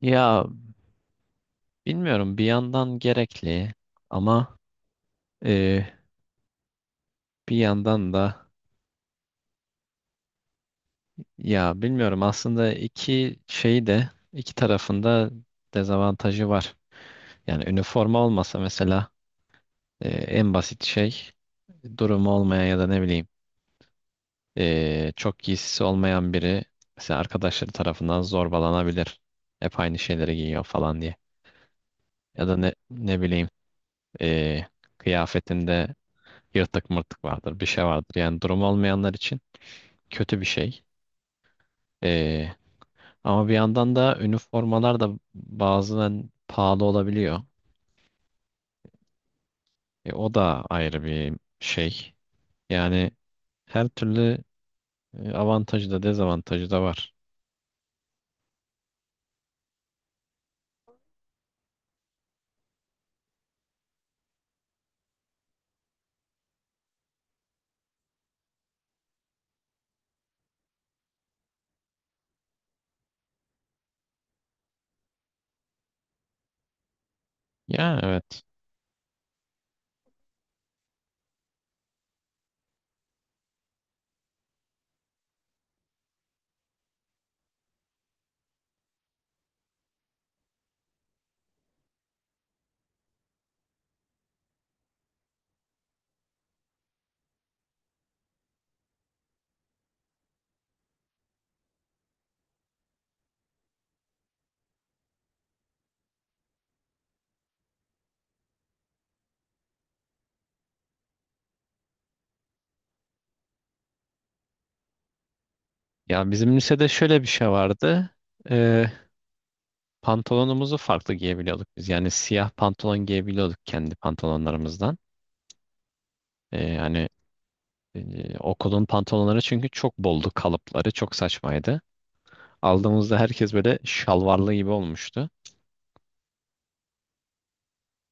Ya bilmiyorum bir yandan gerekli ama e, bir yandan da ya bilmiyorum aslında iki şeyi de iki tarafında dezavantajı var. Yani üniforma olmasa mesela en basit şey durumu olmayan ya da ne bileyim çok giysisi olmayan biri mesela arkadaşları tarafından zorbalanabilir. Hep aynı şeyleri giyiyor falan diye. Ya da ne bileyim e, kıyafetinde yırtık mırtık vardır bir şey vardır. Yani durum olmayanlar için kötü bir şey. Ee, Ama bir yandan da üniformalar da bazen pahalı olabiliyor. O da ayrı bir şey. Yani her türlü avantajı da dezavantajı da var. Ya, evet. Ya bizim lisede şöyle bir şey vardı. Ee, Pantolonumuzu farklı giyebiliyorduk biz. Yani siyah pantolon giyebiliyorduk kendi pantolonlarımızdan. Hani okulun pantolonları çünkü çok boldu, kalıpları çok saçmaydı. Aldığımızda herkes böyle şalvarlı gibi olmuştu.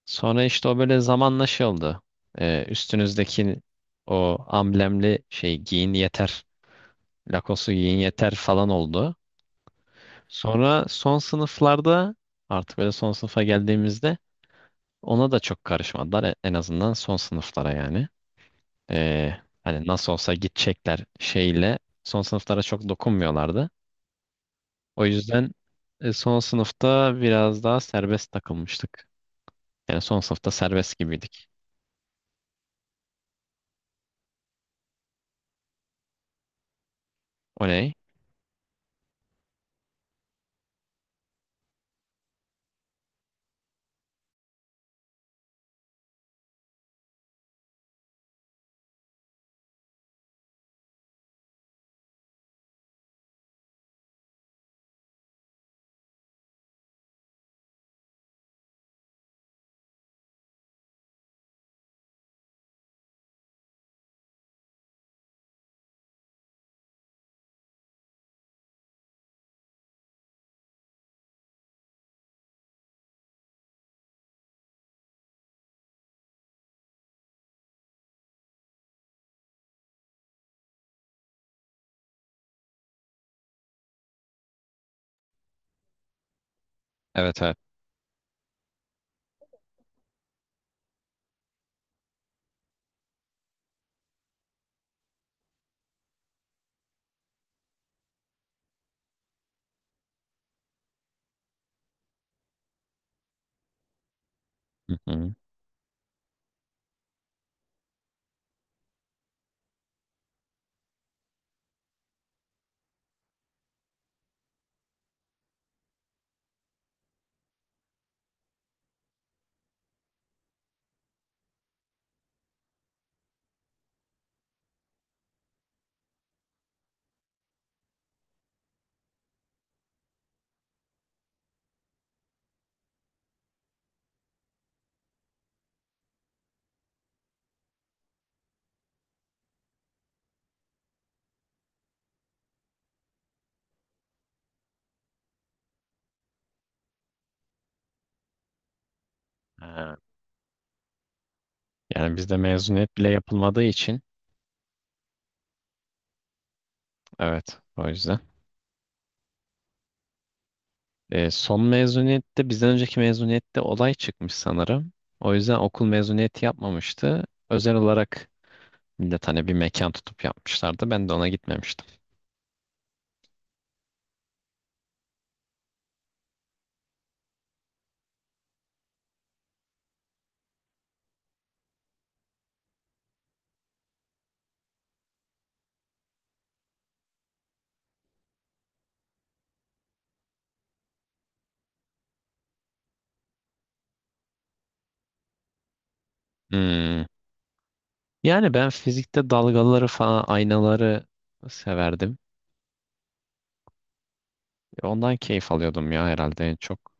Sonra işte o böyle zamanla şey oldu. Üstünüzdeki o amblemli şey giyin yeter, Lacoste'u giyin yeter falan oldu. Sonra son sınıflarda artık böyle son sınıfa geldiğimizde ona da çok karışmadılar. En azından son sınıflara yani. Ee, Hani nasıl olsa gidecekler şeyle son sınıflara çok dokunmuyorlardı. O yüzden son sınıfta biraz daha serbest takılmıştık. Yani son sınıfta serbest gibiydik. Oley. Evet, evet. Hı hı. Ha. Yani bizde mezuniyet bile yapılmadığı için, evet, o yüzden. Son mezuniyette bizden önceki mezuniyette olay çıkmış sanırım. O yüzden okul mezuniyeti yapmamıştı. Özel olarak millet hani bir mekan tutup yapmışlardı. Ben de ona gitmemiştim. Hmm. Yani ben fizikte dalgaları falan, aynaları severdim. Ondan keyif alıyordum ya, herhalde en çok.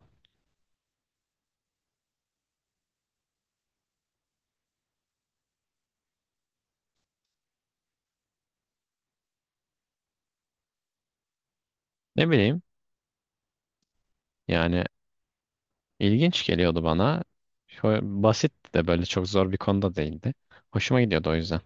Ne bileyim, yani İlginç geliyordu bana. Şöyle basit de, böyle çok zor bir konuda değildi. Hoşuma gidiyordu o yüzden.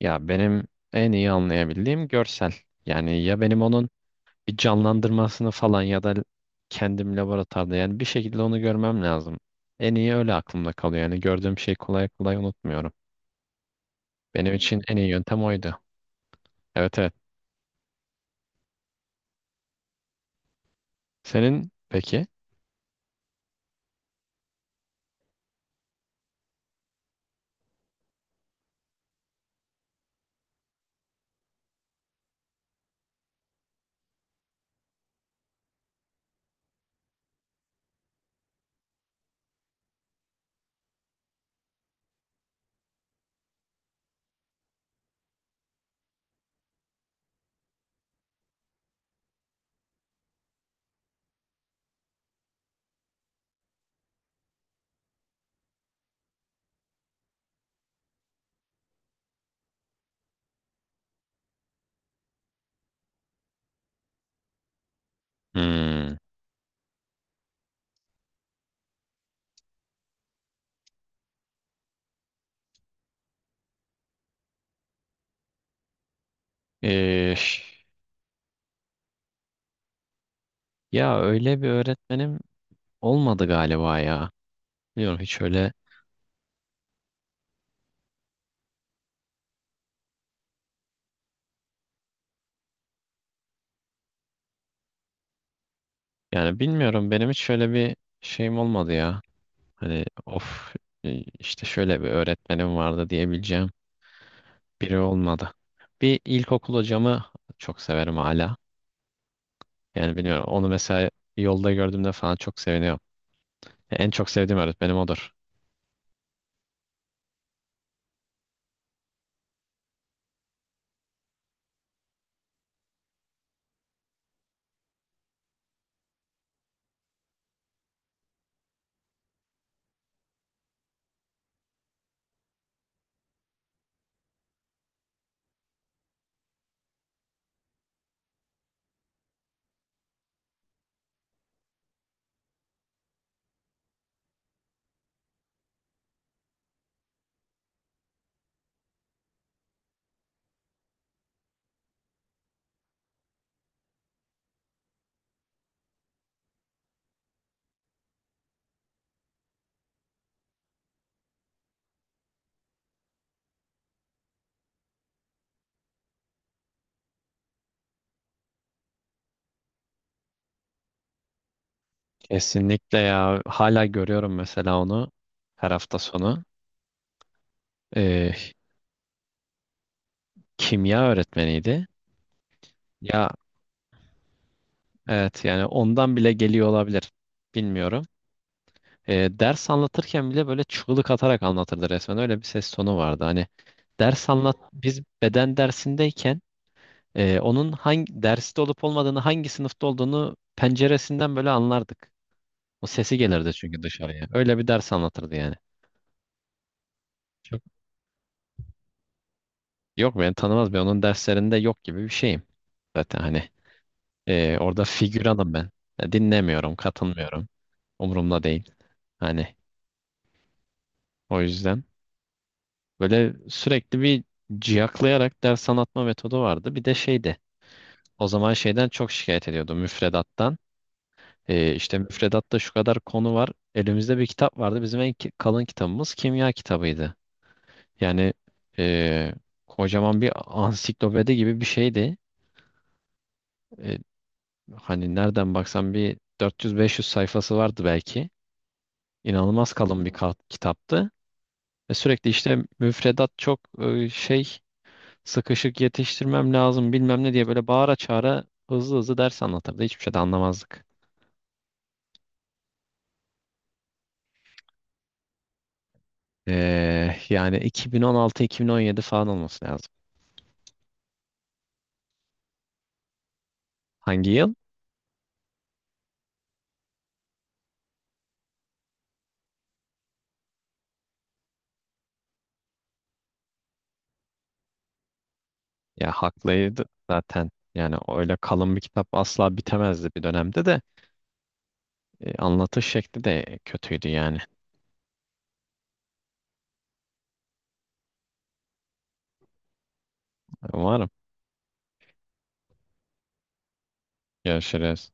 Ya benim en iyi anlayabildiğim görsel. Yani ya benim onun bir canlandırmasını falan ya da kendim laboratuvarda, yani bir şekilde onu görmem lazım. En iyi öyle aklımda kalıyor. Yani gördüğüm şeyi kolay kolay unutmuyorum. Benim için en iyi yöntem oydu. Evet, evet. Senin peki? Hmm. Ee, ş- ya öyle bir öğretmenim olmadı galiba ya. Biliyorum hiç öyle. Yani bilmiyorum, benim hiç şöyle bir şeyim olmadı ya. Hani of, işte şöyle bir öğretmenim vardı diyebileceğim biri olmadı. Bir ilkokul hocamı çok severim hala. Yani bilmiyorum, onu mesela yolda gördüğümde falan çok seviniyorum. En çok sevdiğim öğretmenim odur. Kesinlikle ya, hala görüyorum mesela onu her hafta sonu. Ee, Kimya öğretmeniydi. Ya evet, yani ondan bile geliyor olabilir. Bilmiyorum. Ders anlatırken bile böyle çığlık atarak anlatırdı resmen. Öyle bir ses tonu vardı. Hani ders anlat biz beden dersindeyken onun hangi derste olup olmadığını, hangi sınıfta olduğunu penceresinden böyle anlardık. O sesi gelirdi çünkü dışarıya. Öyle bir ders anlatırdı yani. Çok- Yok, beni tanımaz, ben onun derslerinde yok gibi bir şeyim. Zaten hani orada figüranım ben. Ya dinlemiyorum, katılmıyorum. Umurumda değil. Hani o yüzden böyle sürekli bir ciyaklayarak ders anlatma metodu vardı. Bir de şeydi. O zaman şeyden çok şikayet ediyordu, müfredattan. İşte müfredatta şu kadar konu var. Elimizde bir kitap vardı. Bizim en kalın kitabımız kimya kitabıydı. Yani ee, kocaman bir ansiklopedi gibi bir şeydi. Ee, Hani nereden baksan bir 400-500 sayfası vardı belki. İnanılmaz kalın bir kitaptı. Ve sürekli işte müfredat çok şey, sıkışık, yetiştirmem lazım bilmem ne diye böyle bağıra çağıra hızlı hızlı ders anlatırdı. Hiçbir şey de anlamazdık. Yani 2016-2017 falan olması lazım. Hangi yıl? Ya haklıydı zaten. Yani öyle kalın bir kitap asla bitemezdi bir dönemde de. Anlatış şekli de kötüydü yani. Umarım. Görüşürüz.